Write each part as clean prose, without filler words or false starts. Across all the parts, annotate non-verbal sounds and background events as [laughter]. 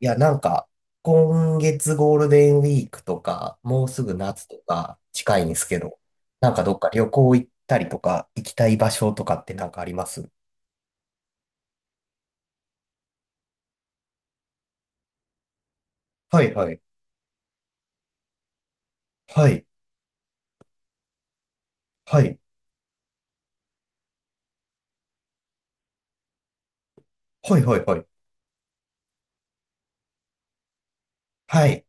いや、なんか、今月ゴールデンウィークとか、もうすぐ夏とか近いんですけど、なんかどっか旅行行ったりとか、行きたい場所とかってなんかありますはいはい。はい。はい。はいはいはい。はい。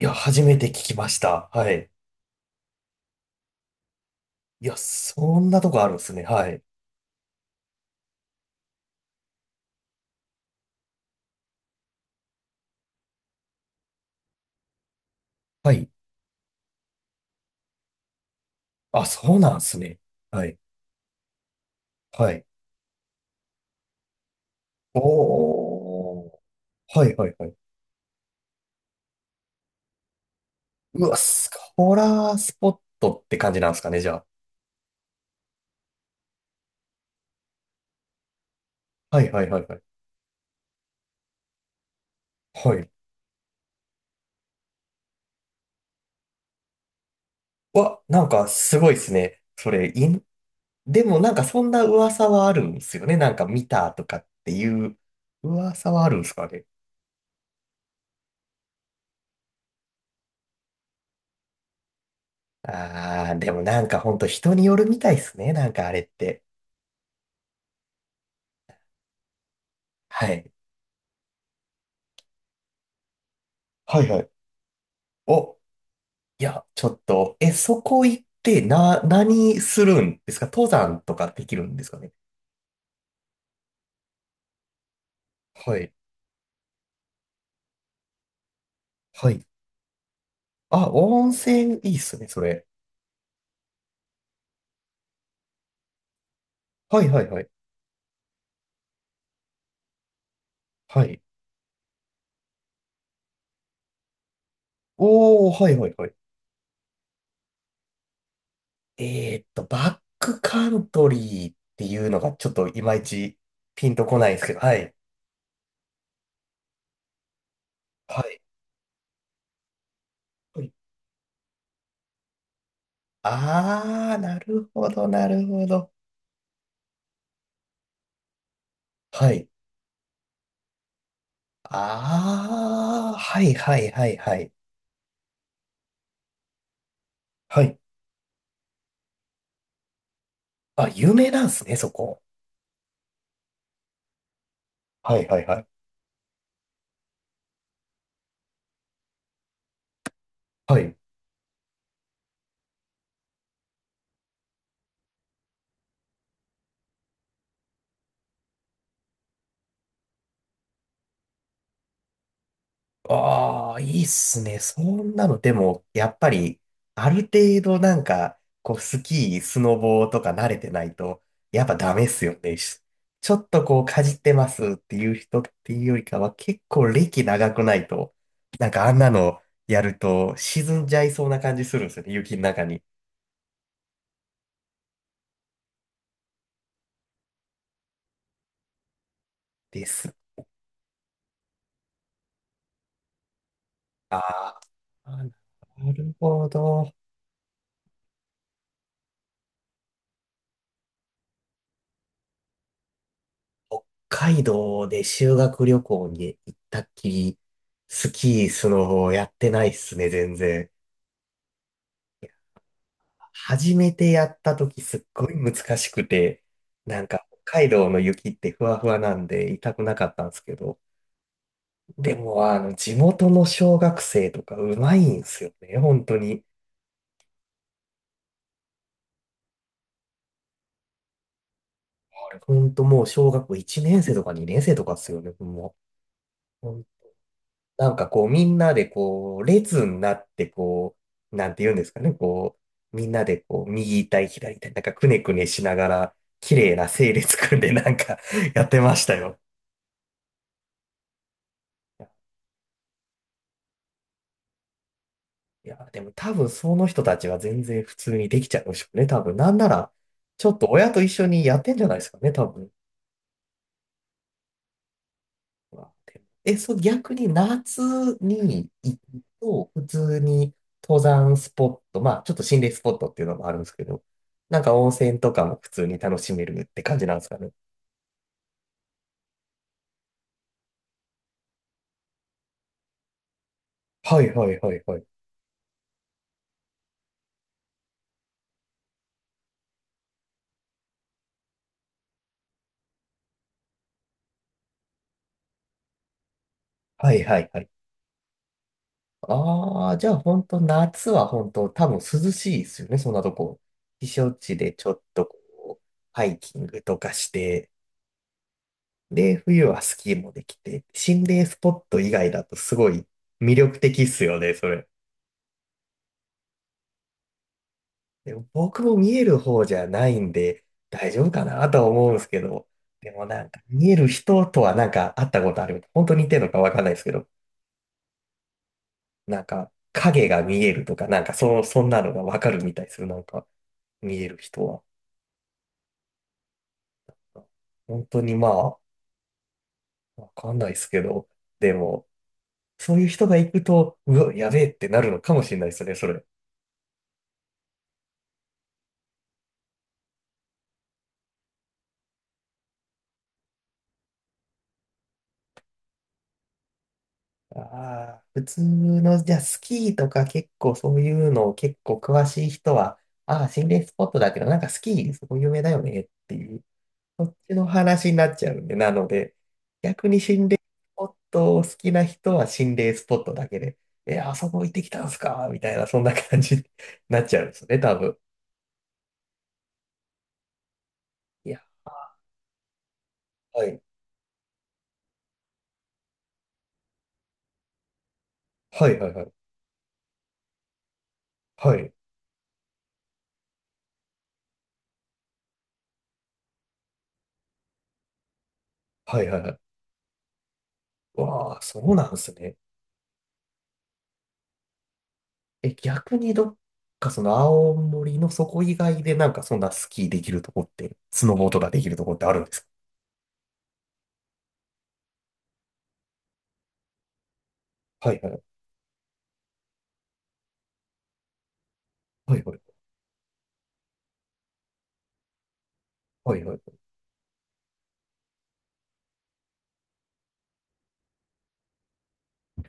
いや、初めて聞きました。はい。いや、そんなとこあるんですね。はい。はい。あ、そうなんですね。はい。はい。おー。はいはいはい。うわ、スコラースポットって感じなんですかね、じゃあ。はいはいはいはい。はいわ、なんかすごいですね。それ、いん、でもなんかそんな噂はあるんですよね。なんか見たとかっていう噂はあるんですかね。あー、でもなんかほんと人によるみたいですね。なんかあれって。はい。はいはい。お、いや、ちょっと、え、そこ行ってな、何するんですか登山とかできるんですかね。はい。はい。あ、温泉いいっすね、それ。はいはいはい。はい。おー、はいはいはい。バックカントリーっていうのがちょっといまいちピンとこないんですけど、はい。はい。あー、なるほど、なるほど。はい。あー、はい、はい、はい、はい。はい。あ、有名なんですね、そこ。はい、はい、はい。はい。ああ、いいっすね。そんなの、でも、やっぱり、ある程度なんか、こう、スキー、スノボーとか慣れてないと、やっぱダメっすよね。しちょっとこう、かじってますっていう人っていうよりかは、結構歴長くないと、なんかあんなのやると、沈んじゃいそうな感じするんですよね、雪の中に。です。ああ、なるほど。北海道で修学旅行に行ったっきり、スキー、スノボやってないっすね、全然。初めてやった時すっごい難しくて、なんか北海道の雪ってふわふわなんで痛くなかったんですけど、でもあの地元の小学生とかうまいんすよね、本当に。あれ本当もう小学校1年生とか2年生とかっすよね、もう。なんかこう、みんなでこう、列になって、こう、なんて言うんですかね、こう、みんなでこう、右対た左対たなんかくねくねしながら、綺麗な整列組んでなんか [laughs] やってましたよ。いや、いやでも多分その人たちは全然普通にできちゃうんでしょうね、多分。なんなら、ちょっと親と一緒にやってんじゃないですかね、多分。があって。え、そう、逆に夏に行くと、普通に登山スポット、まあ、ちょっと心霊スポットっていうのもあるんですけど、なんか温泉とかも普通に楽しめるって感じなんですかね。はいはいはいはい。はいはいはい。ああ、じゃあ本当夏は本当多分涼しいですよね、そんなとこ。避暑地でちょっとこう、ハイキングとかして、で、冬はスキーもできて、心霊スポット以外だとすごい魅力的っすよね、それ。でも僕も見える方じゃないんで大丈夫かなとは思うんですけど、でもなんか見える人とはなんか会ったことある。本当に似てるのかわかんないですけど、なんか影が見えるとか、なんかそんなのがわかるみたいですよ。なんか見える人は。本当にまあ、わかんないですけど、でも、そういう人が行くと、うわ、やべえってなるのかもしれないですね、それ。ああ、普通の、じゃあスキーとか結構そういうの結構詳しい人は、ああ、心霊スポットだけど、なんかスキー、そこ有名だよねっていう、そっちの話になっちゃうんで、なので、逆に心霊スポットを好きな人は心霊スポットだけで、え、あそこ行ってきたんすかみたいな、そんな感じになっちゃうんですよね、多分。いや、はい。はいはいはい。はい。はいはいはい。わあ、そうなんですね。え、逆にどっかその青森のそこ以外でなんかそんなスキーできるとこって、スノボーとかできるとこってあるんですかはいはい。はいはい。はいはい。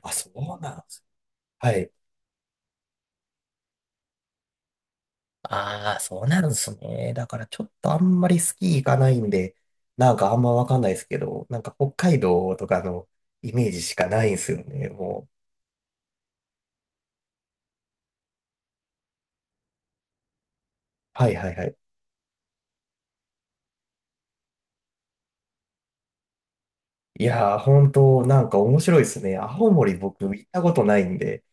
あ、そうなんです。はい。ああ、そうなんですね。だからちょっとあんまりスキー行かないんで、なんかあんまわかんないですけど、なんか北海道とかのイメージしかないんですよね、もう。はいはいはい。いやー、本当なんか面白いですね。青森僕行ったことないんで、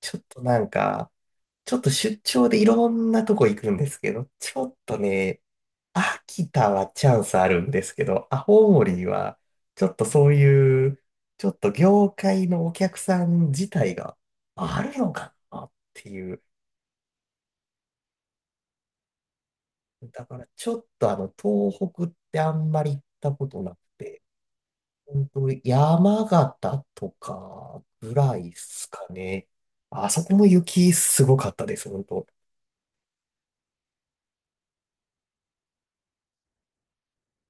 ちょっとなんか、ちょっと出張でいろんなとこ行くんですけど、ちょっとね、秋田はチャンスあるんですけど、青森は、ちょっとそういう、ちょっと業界のお客さん自体があるのかなっていう。だからちょっとあの、東北ってあんまり行ったことなくて、本当山形とかぐらいですかね。あそこも雪すごかったです、本当。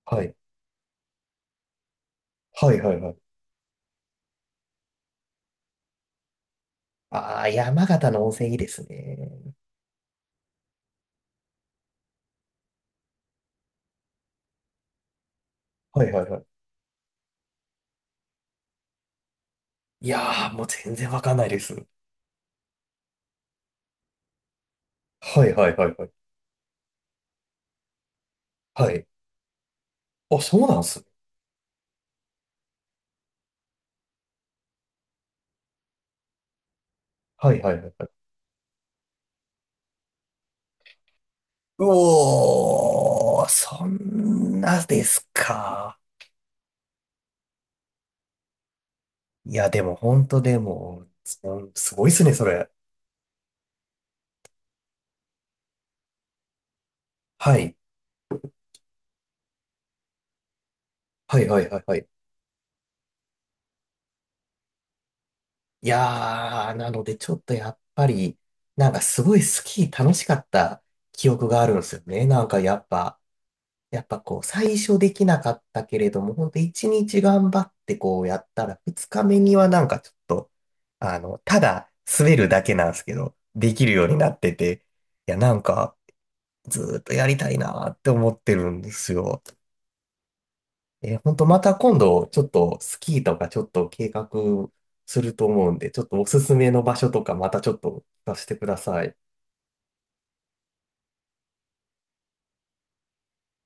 はい。はいはいはい。ああ、山形の温泉いいですね。はいはいはい。いやー、もう全然わかんないです。はいはいはいはい。はい。あ、そうなんすね。はいはいはいはい。うおー、そんなですか。いや、でも本当でも、そんすごいっすね、それ。はい。はいはいはいはい。いやー、なのでちょっとやっぱり、なんかすごいスキー楽しかった記憶があるんですよね。なんかやっぱ、やっぱこう、最初できなかったけれども、本当一日頑張ってこうやったら、二日目にはなんかちょっと、あの、ただ滑るだけなんですけど、できるようになってて、いや、なんか、ずーっとやりたいなーって思ってるんですよ。えー、本当また今度、ちょっとスキーとかちょっと計画すると思うんで、ちょっとおすすめの場所とかまたちょっと出してください。